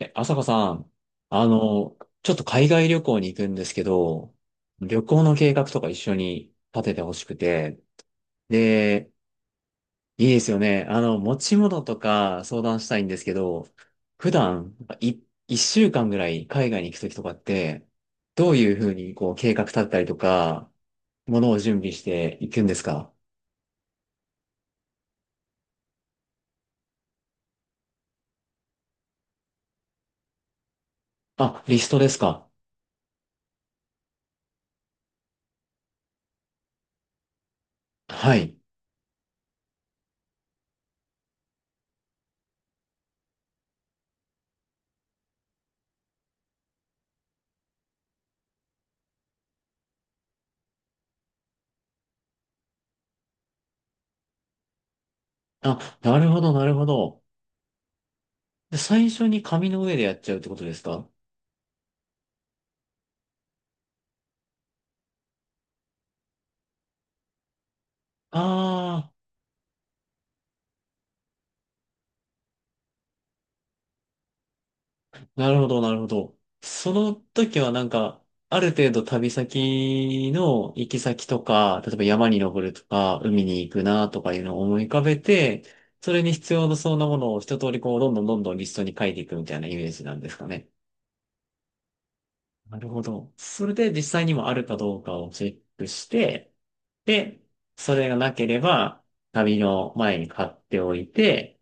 朝子さん、あの、ちょっと海外旅行に行くんですけど、旅行の計画とか一緒に立ててほしくて、で、いいですよね。持ち物とか相談したいんですけど、普段、一週間ぐらい海外に行くときとかって、どういうふうにこう計画立てたりとか、ものを準備していくんですか？あ、リストですか？はい。あ、なるほど、なるほど。で最初に紙の上でやっちゃうってことですか？ああー。なるほど、なるほど。その時はなんか、ある程度旅先の行き先とか、例えば山に登るとか、海に行くなとかいうのを思い浮かべて、それに必要なそうなものを一通りこう、どんどんどんどんリストに書いていくみたいなイメージなんですかね。なるほど。それで実際にもあるかどうかをチェックして、で、それがなければ、旅の前に買っておいて、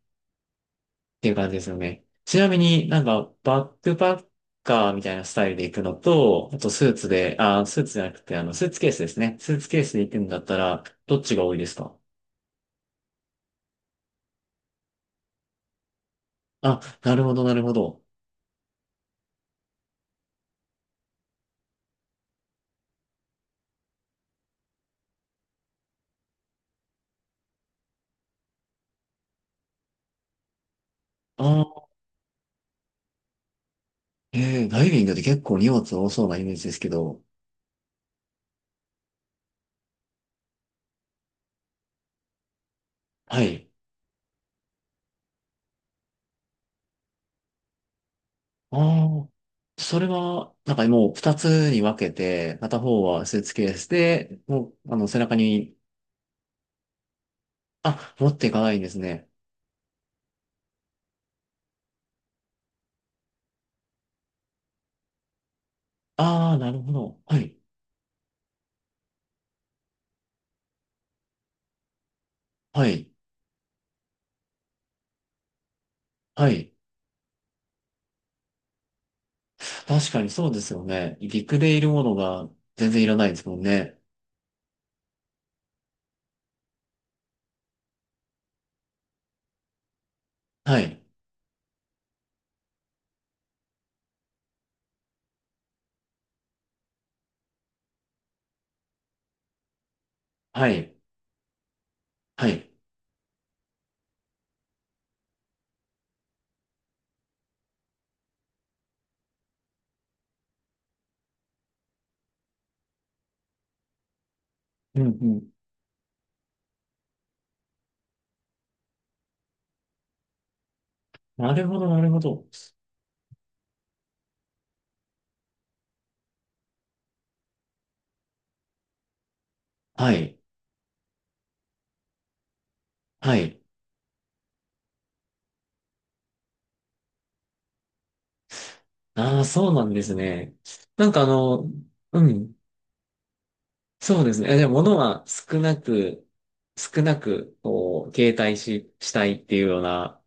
っていう感じですよね。ちなみになんかバックパッカーみたいなスタイルで行くのと、あとスーツで、あ、スーツじゃなくてあのスーツケースですね。スーツケースで行くんだったらどっちが多いですか？あ、なるほど、なるほど。あー、ダイビングって結構荷物多そうなイメージですけど、はい。ああ、それは、なんかもう二つに分けて、片方はスーツケースで、もう、背中に、あ、持っていかないんですね。ああ、なるほど。はい、はい、はい。確かにそうですよね。陸でいるものが全然いらないですもんね。はい。はい。はい。うんうん。なるほど、なるほど。はい。はい。ああ、そうなんですね。なんかうん。そうですね。え、でも物は少なく、こう、携帯し、したいっていうような、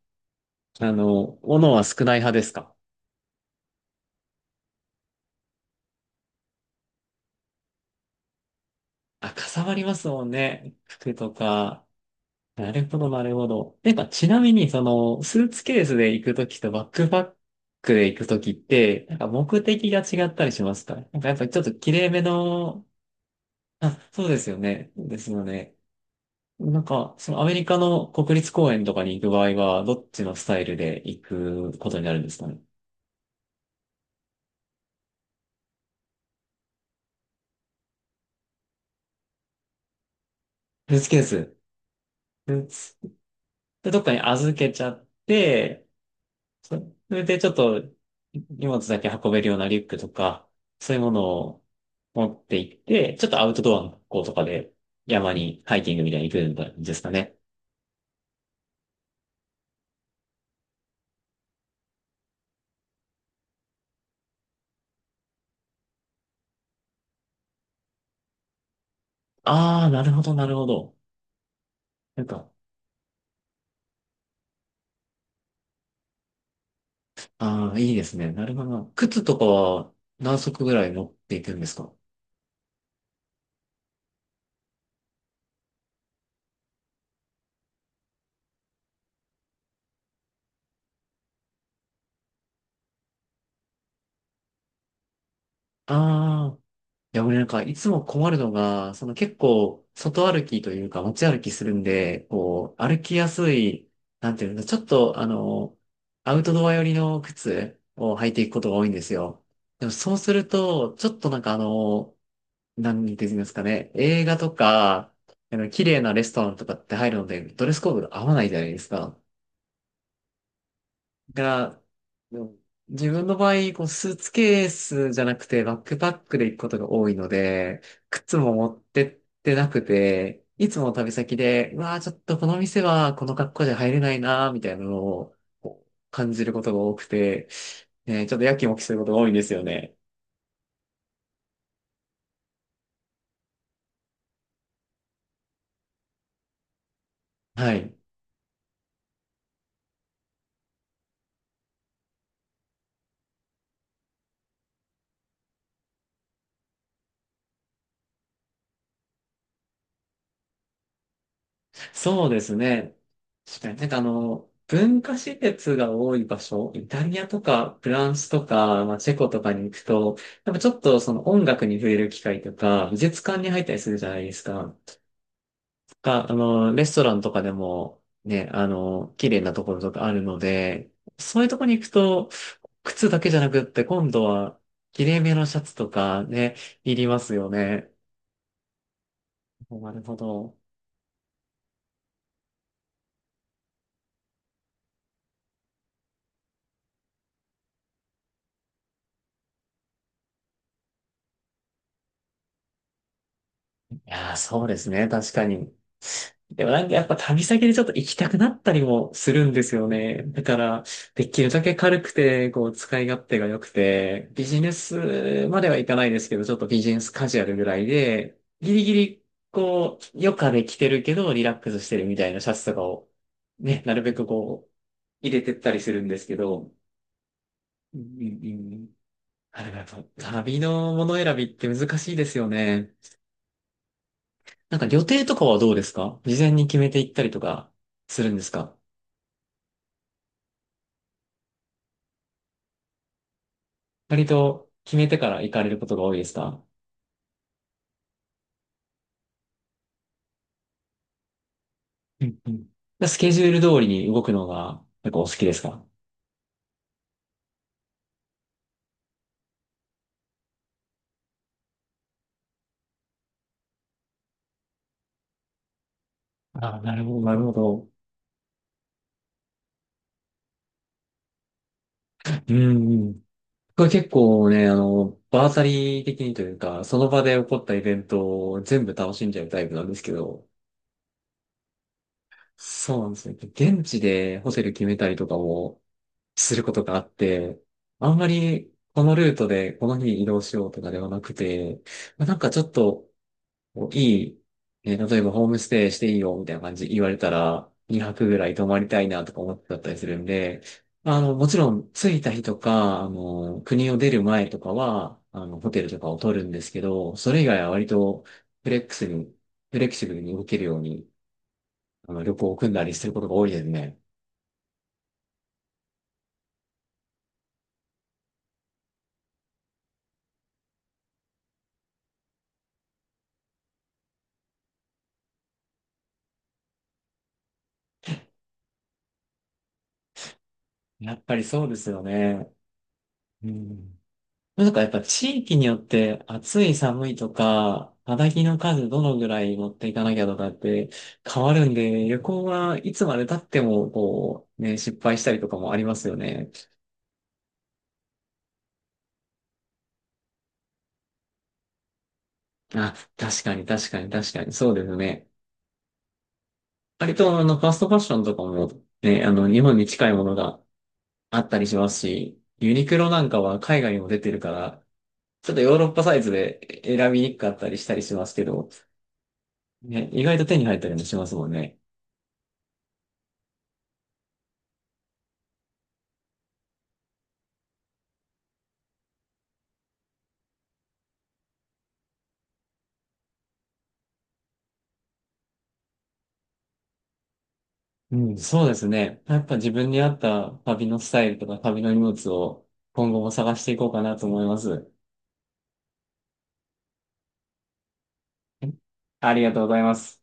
物は少ない派ですか？あ、かさばりますもんね。服とか。なるほど、なるほど。やっぱちなみに、その、スーツケースで行くときとバックパックで行くときって、なんか目的が違ったりしますか？なんかやっぱりちょっと綺麗めの、あ、そうですよね。ですよね。なんか、そのアメリカの国立公園とかに行く場合は、どっちのスタイルで行くことになるんですかね。スーツケース。スーツでどっかに預けちゃって、それでちょっと荷物だけ運べるようなリュックとか、そういうものを持って行って、ちょっとアウトドアの学校とかで山にハイキングみたいに行くんですかね。ああ、なるほど、なるほど。なんか、ああ、いいですね。なるほど。靴とかは何足ぐらい持っていくんですか？ああーいや、俺なんか、いつも困るのが、その結構、外歩きというか、街歩きするんで、こう、歩きやすい、なんていうんだ、ちょっと、アウトドア寄りの靴を履いていくことが多いんですよ。でも、そうすると、ちょっとなんかなんて言うんですかね、映画とか、綺麗なレストランとかって入るので、ドレスコードが合わないじゃないですか。が、うん、自分の場合、こうスーツケースじゃなくてバックパックで行くことが多いので、靴も持ってってなくて、いつも旅先で、うわあ、ちょっとこの店はこの格好じゃ入れないなーみたいなのをこう感じることが多くて、ね、ちょっとやきもきすることが多いんですよね。はい。そうですね。確かになんか文化施設が多い場所、イタリアとかフランスとか、まあ、チェコとかに行くと、やっぱちょっとその音楽に触れる機会とか、美術館に入ったりするじゃないですか。レストランとかでもね、綺麗なところとかあるので、そういうところに行くと、靴だけじゃなくって今度は、綺麗めのシャツとかね、いりますよね。なるほど。いやー、そうですね。確かに。でもなんかやっぱ旅先でちょっと行きたくなったりもするんですよね。だから、できるだけ軽くて、こう、使い勝手が良くて、ビジネスまではいかないですけど、ちょっとビジネスカジュアルぐらいで、ギリギリ、こう、余暇で着てるけど、リラックスしてるみたいなシャツとかを、ね、なるべくこう、入れてったりするんですけど、うんうんうん。あれやっぱ、旅のもの選びって難しいですよね。なんか予定とかはどうですか？事前に決めていったりとかするんですか？割と決めてから行かれることが多いですか？うんうん。でスケジュール通りに動くのが結構お好きですか？ああ、なるほど、なるほど。うんうん。これ結構ね、場当たり的にというか、その場で起こったイベントを全部楽しんじゃうタイプなんですけど、そうなんですね。現地でホテル決めたりとかも、することがあって、あんまりこのルートでこの日に移動しようとかではなくて、まあなんかちょっといい、えー例えばホームステイしていいよみたいな感じ言われたら2泊ぐらい泊まりたいなとか思ってたりするんで、もちろん着いた日とか、国を出る前とかは、ホテルとかを取るんですけど、それ以外は割とフレックスに、フレキシブルに動けるように、旅行を組んだりすることが多いですね。やっぱりそうですよね。うん。なんかやっぱ地域によって暑い寒いとか、肌着の数どのぐらい持っていかなきゃとかって変わるんで、旅行はいつまで経ってもこう、ね、失敗したりとかもありますよね。あ、確かに確かに確かに、そうですね。割とファストファッションとかもね、日本に近いものがあったりしますし、ユニクロなんかは海外にも出てるから、ちょっとヨーロッパサイズで選びにくかったりしたりしますけど、ね、意外と手に入ったりもしますもんね。うん、そうですね。やっぱ自分に合った旅のスタイルとか旅の荷物を今後も探していこうかなと思います。ありがとうございます。